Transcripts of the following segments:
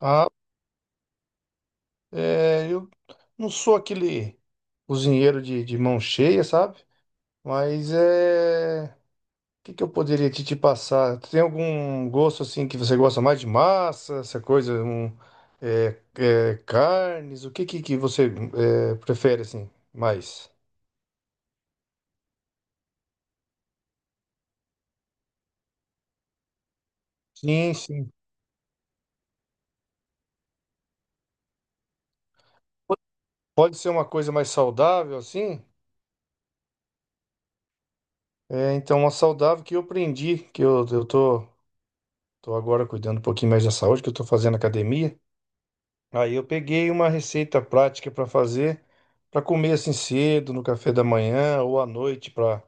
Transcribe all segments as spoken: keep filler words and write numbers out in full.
Ah, é, eu não sou aquele cozinheiro de, de mão cheia, sabe? Mas é. O que que eu poderia te, te passar? Tem algum gosto assim que você gosta mais de massa, essa coisa, um, é, é, carnes? O que que, que você é, prefere assim mais? Sim, sim. Pode ser uma coisa mais saudável assim? É, então, uma saudável que eu aprendi, que eu, eu tô, tô agora cuidando um pouquinho mais da saúde, que eu tô fazendo academia. Aí eu peguei uma receita prática para fazer, para comer assim cedo, no café da manhã ou à noite, para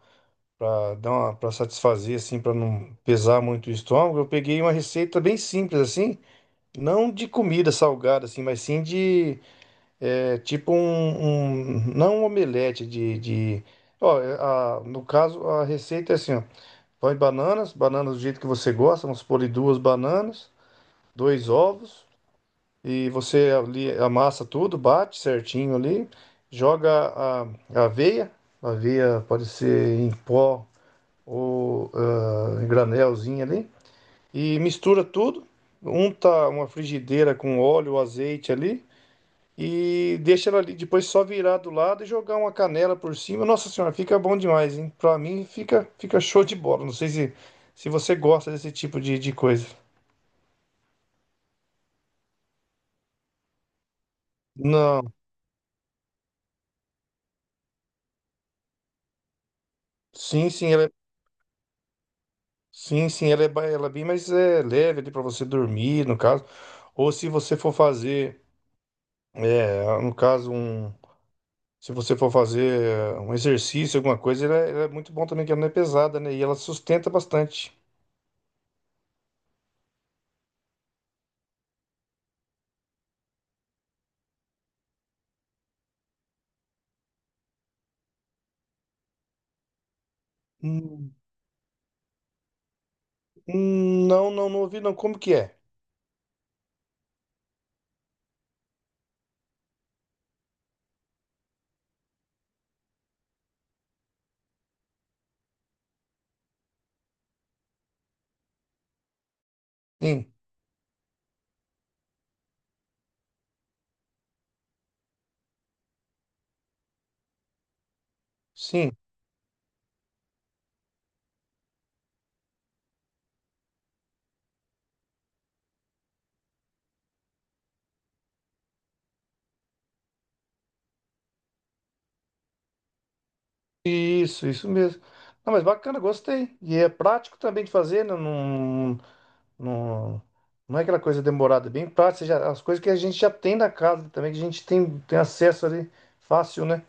para dar uma, para satisfazer assim, para não pesar muito o estômago. Eu peguei uma receita bem simples assim, não de comida salgada assim, mas sim de é, tipo um, um- não um omelete de, de ó, é, a- no caso a receita é assim, ó, põe bananas, bananas do jeito que você gosta, vamos pôr ali duas bananas, dois ovos e você ali amassa tudo, bate certinho ali, joga a, a aveia, a aveia pode ser em pó ou ah, em granelzinho ali, e mistura tudo, unta uma frigideira com óleo, azeite ali, e deixa ela ali, depois só virar do lado e jogar uma canela por cima. Nossa senhora, fica bom demais, hein? Pra mim fica, fica show de bola. Não sei se, se você gosta desse tipo de, de coisa. Não, sim, sim, ela é Sim, sim, ela é, ba- ela é bem mais é, leve ali para você dormir, no caso. Ou se você for fazer, é, no caso, um, Se você for fazer é, um exercício, alguma coisa, ela, é ela é muito bom também, que ela não é pesada, né? E ela sustenta bastante. Hum, hum, não, não, não ouvi, não. Como que é? Sim, sim. Isso, isso mesmo. Não, mas bacana, gostei. E é prático também de fazer, não, não, não, não é aquela coisa demorada, é bem prático. Você já- as coisas que a gente já tem na casa também, que a gente tem, tem acesso ali fácil, né?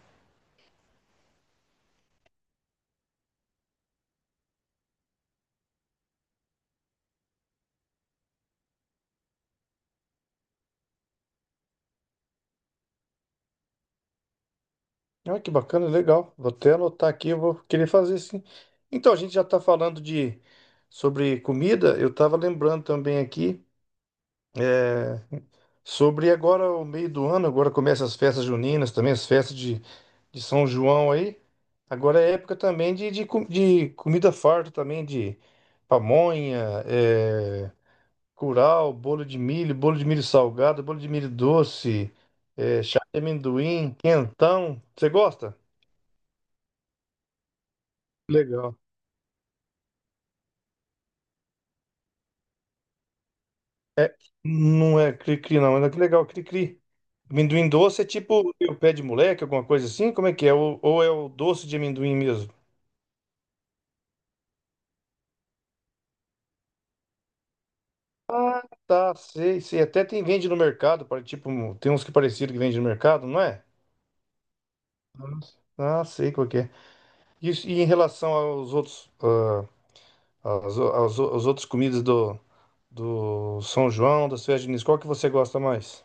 Olha que bacana, legal. Vou até anotar aqui, eu vou querer fazer sim. Então, a gente já está falando de Sobre comida, eu estava lembrando também aqui é, sobre agora o meio do ano, agora começa as festas juninas também, as festas de de São João aí. Agora é época também de, de, co- de comida farta também, de pamonha, é, curau, bolo de milho, bolo de milho salgado, bolo de milho doce, é, chá de amendoim, quentão. Você gosta? Legal. Não é cri-cri, não. Mas é que legal, cri-cri. Amendoim doce é tipo o pé de moleque, alguma coisa assim? Como é que é? Ou, ou é o doce de amendoim mesmo? Ah, tá, sei, sei. Até tem, vende no mercado, pare- tipo, tem uns que parecido que vende no mercado, não é? Ah, sei qual que é. E, e em relação aos outros, aos, aos, aos outros comidas do, do São João, das festas juninas, qual que você gosta mais?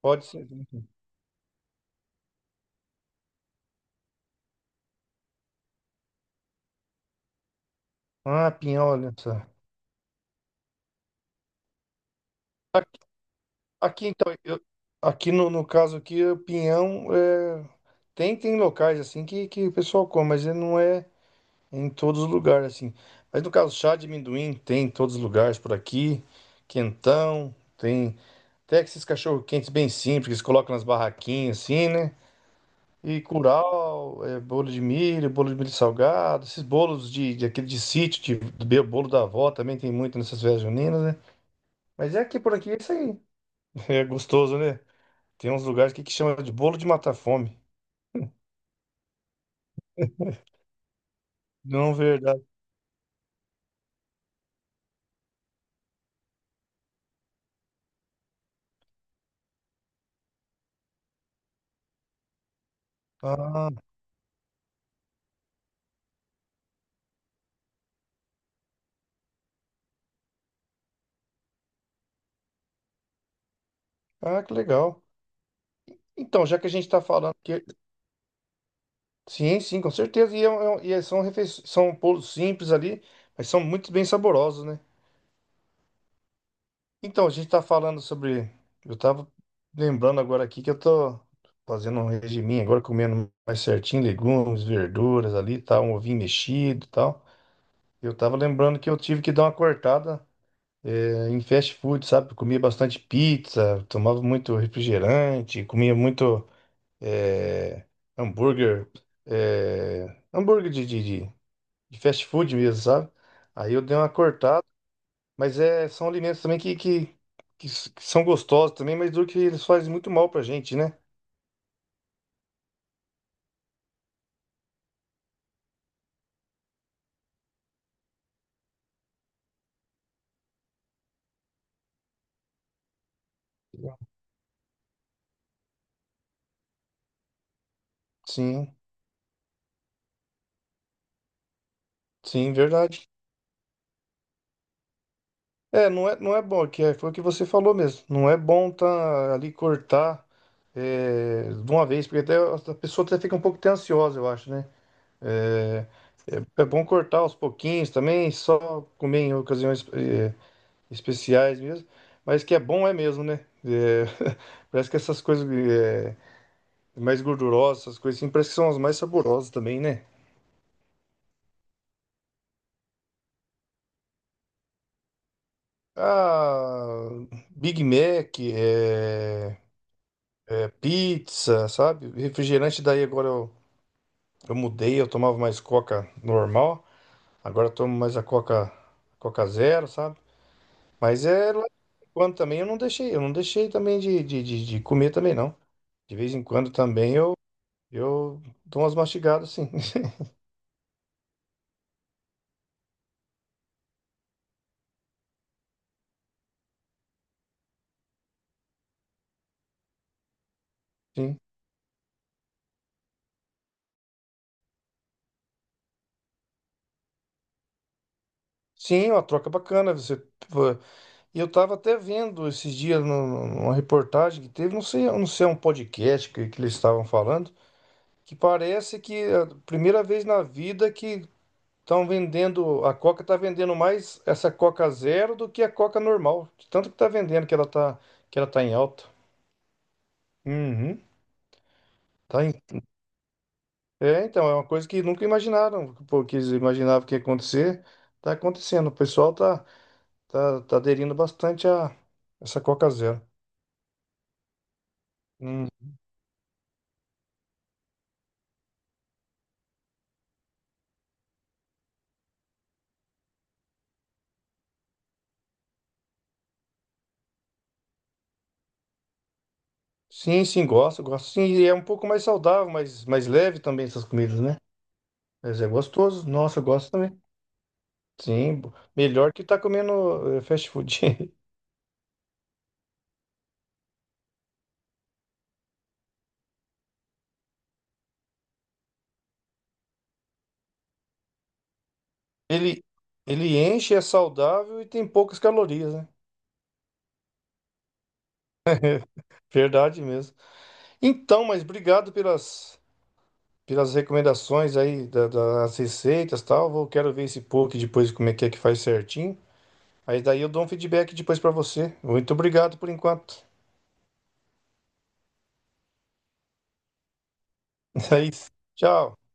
Pode ser, né? Ah, pinhão, olha só. Aqui, aqui, então, eu, aqui no, no caso aqui, o pinhão é, tem, tem locais assim que, que o pessoal come, mas ele não é em todos os lugares assim. Mas no caso, chá de amendoim tem em todos os lugares por aqui, quentão, tem até esses cachorro-quentes bem simples que eles colocam nas barraquinhas assim, né? E curau, é, bolo de milho, bolo de milho salgado, esses bolos de, de aquele de sítio, de, de be- bolo da avó também tem muito nessas festas juninas, né? Mas é aqui por aqui é isso aí. É gostoso, né? Tem uns lugares aqui que chama de bolo de matar fome. Não, verdade. Ah, ah, que legal. Então, já que a gente está falando que. Sim, sim, com certeza. E, é um- é um- e é- são, refe... são bolos simples ali, mas são muito bem saborosos, né? Então, a gente está falando sobre. Eu estava lembrando agora aqui que eu tô fazendo um regiminho agora, comendo mais certinho, legumes, verduras ali, tal, um ovinho mexido e tal. Eu estava lembrando que eu tive que dar uma cortada eh, em fast food, sabe? Eu comia bastante pizza, tomava muito refrigerante, comia muito eh, hambúrguer, eh, hambúrguer de, de, de de fast food mesmo, sabe? Aí eu dei uma cortada. Mas é, são alimentos também que, que, que s- que são gostosos também, mas do que eles fazem muito mal pra gente, né? Sim, sim, verdade. É, não é, não é bom, que é, foi o que você falou mesmo. Não é bom tá ali cortar é, de uma vez, porque até a a pessoa até fica um pouco até ansiosa, eu acho, né? É, é, é bom cortar aos pouquinhos também, só comer em ocasiões é, especiais mesmo. Mas que é bom é mesmo, né? É, parece que essas coisas. eh, mais gordurosas, essas coisas assim, parece que são as mais saborosas também, né? Ah, Big Mac, é, é, pizza, sabe? Refrigerante, daí agora eu, eu mudei, eu tomava mais coca normal, agora eu tomo mais a coca, coca zero, sabe? Mas é lá de quando também eu não deixei, eu não deixei também de, de, de, de comer também, não. De vez em quando também eu, eu dou umas mastigadas, sim. Sim, sim, uma troca bacana. Você. E eu estava até vendo esses dias no- no- numa reportagem que teve, não sei, não sei, é um podcast que, que eles estavam falando, que parece que é a primeira vez na vida que estão vendendo, a Coca está vendendo mais essa Coca Zero do que a Coca normal, de tanto que está vendendo que ela tá, que ela tá em alta. Uhum. Tá em- é, então, é uma coisa que nunca imaginaram, porque eles imaginavam que ia acontecer, tá acontecendo. O pessoal tá, tá, tá aderindo bastante a essa Coca Zero. Sim, sim, gosto, gosto. Sim, e é um pouco mais saudável, mais, mais leve também essas comidas, né? Mas é gostoso. Nossa, eu gosto também. Sim, bo- melhor que tá comendo eh, fast food. Ele, ele enche, é saudável e tem poucas calorias, né? Verdade mesmo. Então, mas obrigado pelas, pelas recomendações aí da- das receitas e tal. Vou, quero ver esse poke depois como é que é que faz certinho. Aí daí eu dou um feedback depois pra você. Muito obrigado por enquanto. É isso. Tchau.